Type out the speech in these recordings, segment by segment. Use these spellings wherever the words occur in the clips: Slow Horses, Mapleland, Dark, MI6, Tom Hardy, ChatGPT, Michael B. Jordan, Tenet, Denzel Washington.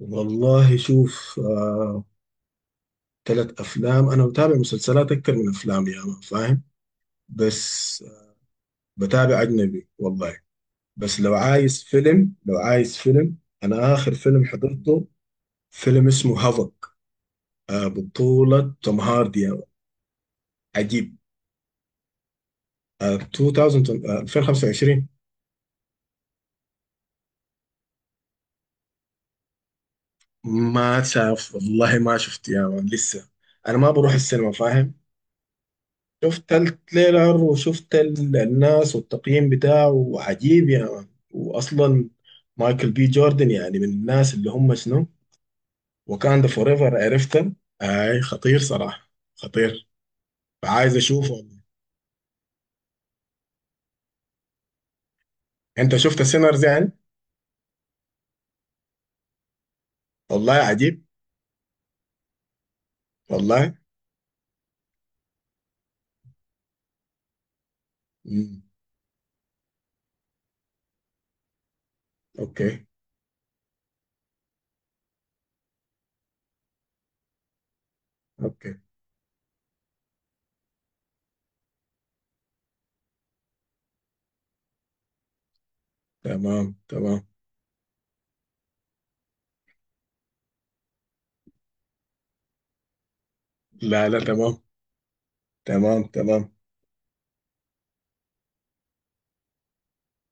والله شوف، تلات أفلام. أنا بتابع مسلسلات أكتر من أفلام يا ما فاهم. بس بتابع أجنبي والله. بس لو عايز فيلم، أنا آخر فيلم حضرته فيلم اسمه هافك، بطولة توم هاردي يا مان. عجيب. آه، 2000، 2025. ما شاف والله ما شفت يا مان لسه. أنا ما بروح السينما فاهم. شفت التريلر وشفت الناس والتقييم بتاعه عجيب يا مان. واصلا مايكل بي جوردن يعني من الناس اللي هم شنو. وكان ده فور ايفر عرفته. اي خطير صراحه خطير. فعايز اشوفه. انت شفت سينرز يعني. والله عجيب. والله. مم. اوكي، اوكي. تمام، تمام. لا، لا. تمام، تمام، تمام.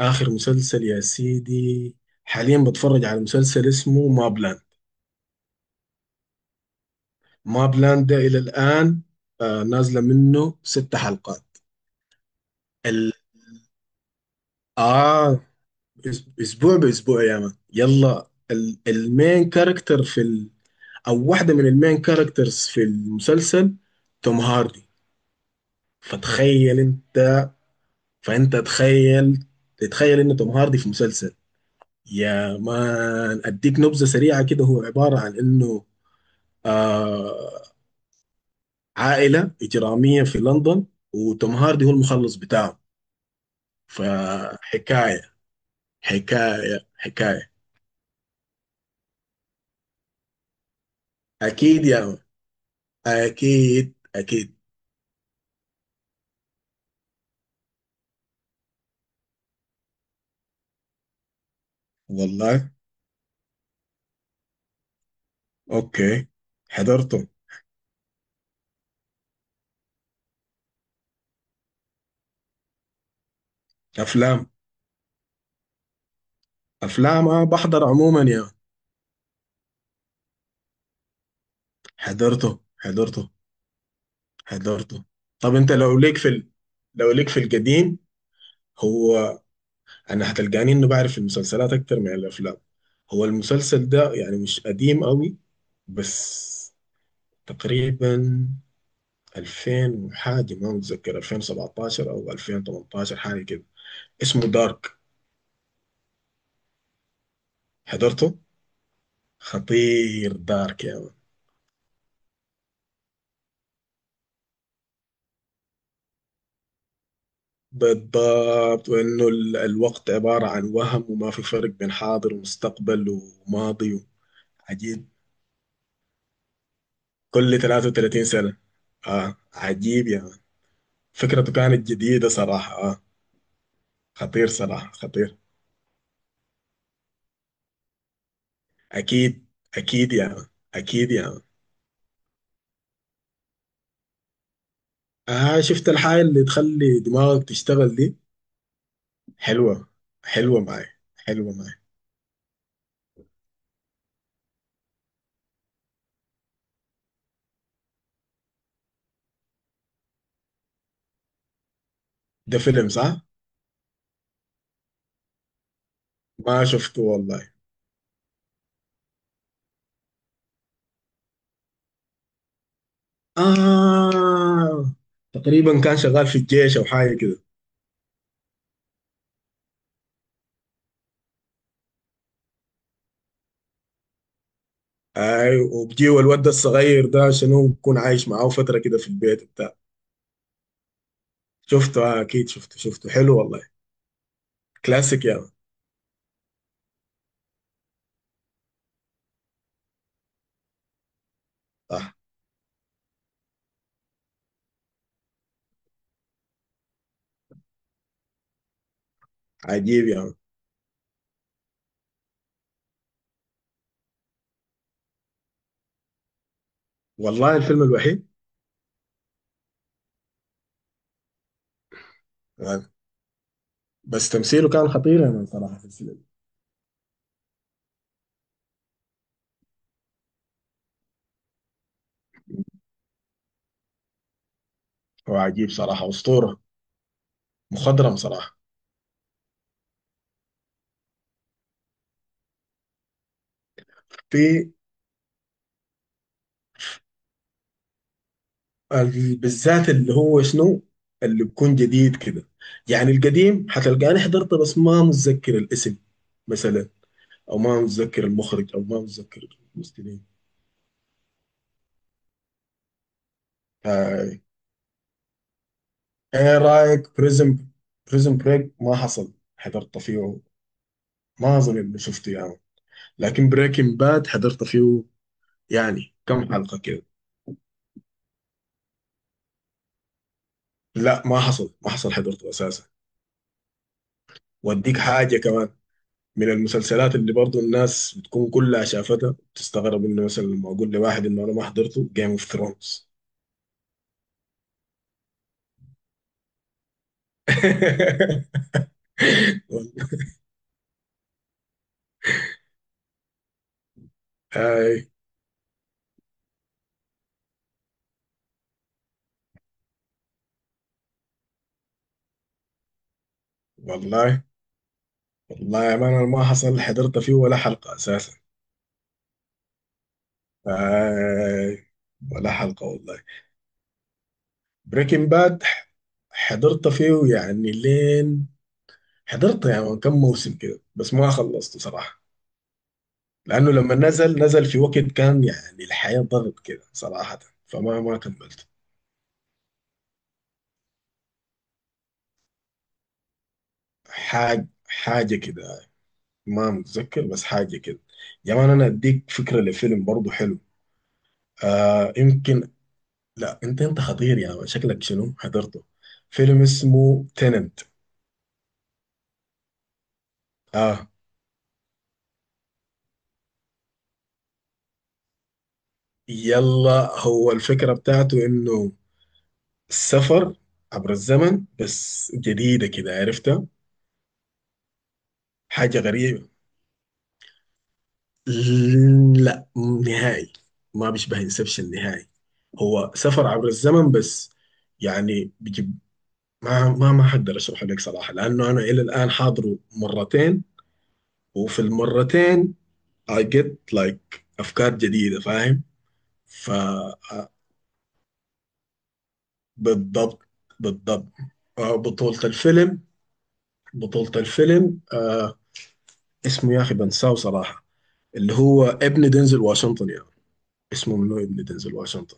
اخر مسلسل يا سيدي، حاليا بتفرج على مسلسل اسمه مابلاند. ماب لاند ده الى الان، نازله منه ست حلقات. ال... اه، اسبوع باسبوع يا مان. يلا المين كاركتر في او واحده من المين كاركترز في المسلسل، توم هاردي. فتخيل انت فانت تخيل تتخيل ان توم هاردي في مسلسل. يا مان اديك نبذه سريعه كده، هو عباره عن انه آه عائله اجراميه في لندن، وتوم هاردي هو المخلص بتاعه. فحكاية حكاية حكاية. أكيد يا مان. أكيد، أكيد. والله. أوكي. حضرته. أفلام. أفلام أه بحضر عموما يا مان. حضرته، حضرته. حضرته. طب أنت لو ليك في القديم. هو، أنا هتلقاني إنه بعرف المسلسلات أكتر من الأفلام. هو المسلسل ده يعني مش قديم قوي، بس تقريبا 2000 وحاجة، ما متذكر 2017 أو 2018، حاجة كده. اسمه دارك. حضرته. خطير دارك يا مان. بالضبط، وإنه الوقت عبارة عن وهم، وما في فرق بين حاضر ومستقبل وماضي. عجيب. كل 33 سنة. عجيب يا مان. فكرته كانت جديدة صراحة. خطير صراحة خطير. أكيد. أكيد يا مان. أكيد يا مان. شفت الحاجة اللي تخلي دماغك تشتغل دي. حلوة. حلوة معي. حلوة معي. ده فيلم صح؟ ما شفته والله. آه تقريبا كان شغال في الجيش أو حاجة كده. أي، وبجيو الواد ده الصغير ده شنو بكون عايش معاه فترة كده في البيت بتاع. شفته. أكيد شفته. شفته حلو والله. كلاسيك يا مان. صح. عجيب يا مان. والله الفيلم الوحيد. آه. بس تمثيله كان خطير يا مان صراحة في الفيلم. هو عجيب صراحة، أسطورة. مخضرم صراحة. في بالذات اللي هو شنو، اللي بيكون جديد كده. يعني القديم حتلقاني حضرته بس ما متذكر الاسم مثلا، او ما متذكر المخرج، او ما متذكر الممثلين. هاي. ايه رايك بريزم؟ بريك ما حصل حضرت فيه. ما اظن اني شفته يعني. لكن بريكنج باد حضرت فيه، يعني كم حلقة كده. لا، ما حصل حضرته اساسا. واديك حاجة كمان من المسلسلات اللي برضو الناس بتكون كلها شافتها، تستغرب انه مثلا لما اقول لواحد انه انا ما حضرته جيم اوف ثرونز. هاي. والله. والله يا مان، انا ما حصل حضرت فيه ولا حلقة اساسا. هاي. ولا حلقة والله. بريكنج باد حضرت فيه يعني لين. حضرت يعني كم موسم كده بس ما خلصته صراحة. لأنه لما نزل، نزل في وقت كان يعني الحياة ضغط كده صراحة. فما ما كملت. حاجة، حاجة كده، ما متذكر بس حاجة كده. يا مان أنا أديك فكرة لفيلم برضه حلو. يمكن. لا، أنت خطير يا مان. شكلك شنو حضرته. فيلم اسمه تيننت آه يلا هو الفكرة بتاعته إنه السفر عبر الزمن، بس جديدة كده عرفتها، حاجة غريبة. لا، نهائي. ما بيشبه انسبشن نهائي. هو سفر عبر الزمن بس. يعني ما حقدر اشرح لك صراحه، لانه انا الى الان حاضره مرتين. وفي المرتين I get like افكار جديده فاهم. ف بالضبط. بالضبط. بطولة الفيلم. بطولة الفيلم، اسمه يا اخي بنساه صراحه. اللي هو ابن دينزل واشنطن يعني. اسمه منو ابن دينزل واشنطن.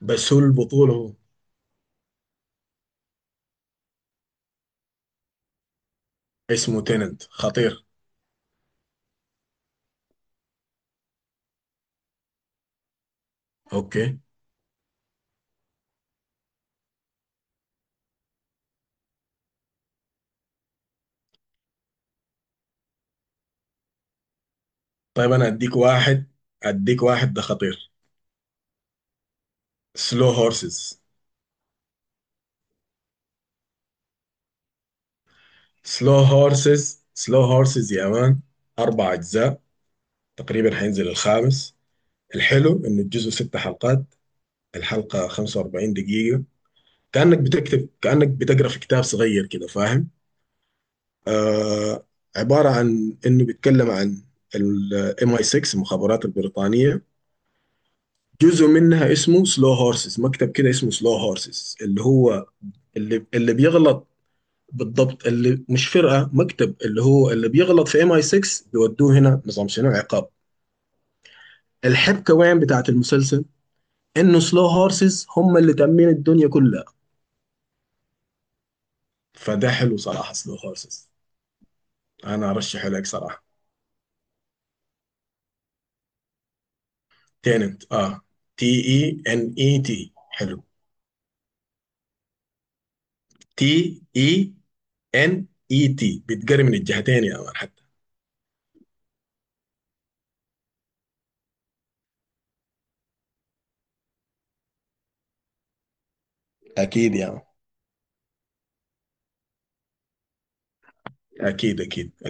بس هو البطولة هو. اسمه تيننت خطير. اوكي. طيب انا اديك واحد. ده خطير. سلو هورسز. سلو هورسز يا مان. أربع أجزاء، تقريبا حينزل الخامس. الحلو إنه الجزء ست حلقات، الحلقة 45 دقيقة. كأنك بتكتب، كأنك بتقرأ في كتاب صغير كده فاهم. آه عبارة عن إنه بيتكلم عن الام اي 6، المخابرات البريطانية. جزء منها اسمه سلو هورسز، مكتب كده اسمه سلو هورسز، اللي هو اللي بيغلط. بالضبط. اللي مش فرقة، مكتب، اللي هو اللي بيغلط في ام اي 6، بيودوه هنا نظام شنو عقاب. الحب كمان بتاعت المسلسل انه سلو هورسز هم اللي تأمين الدنيا كلها. فده حلو صراحة، سلو هورسز. أنا أرشحه لك صراحة. تيننت، TENET، حلو. TENET بتقري من الجهتين يا مان حتى. أكيد يا مان. أكيد، أكيد.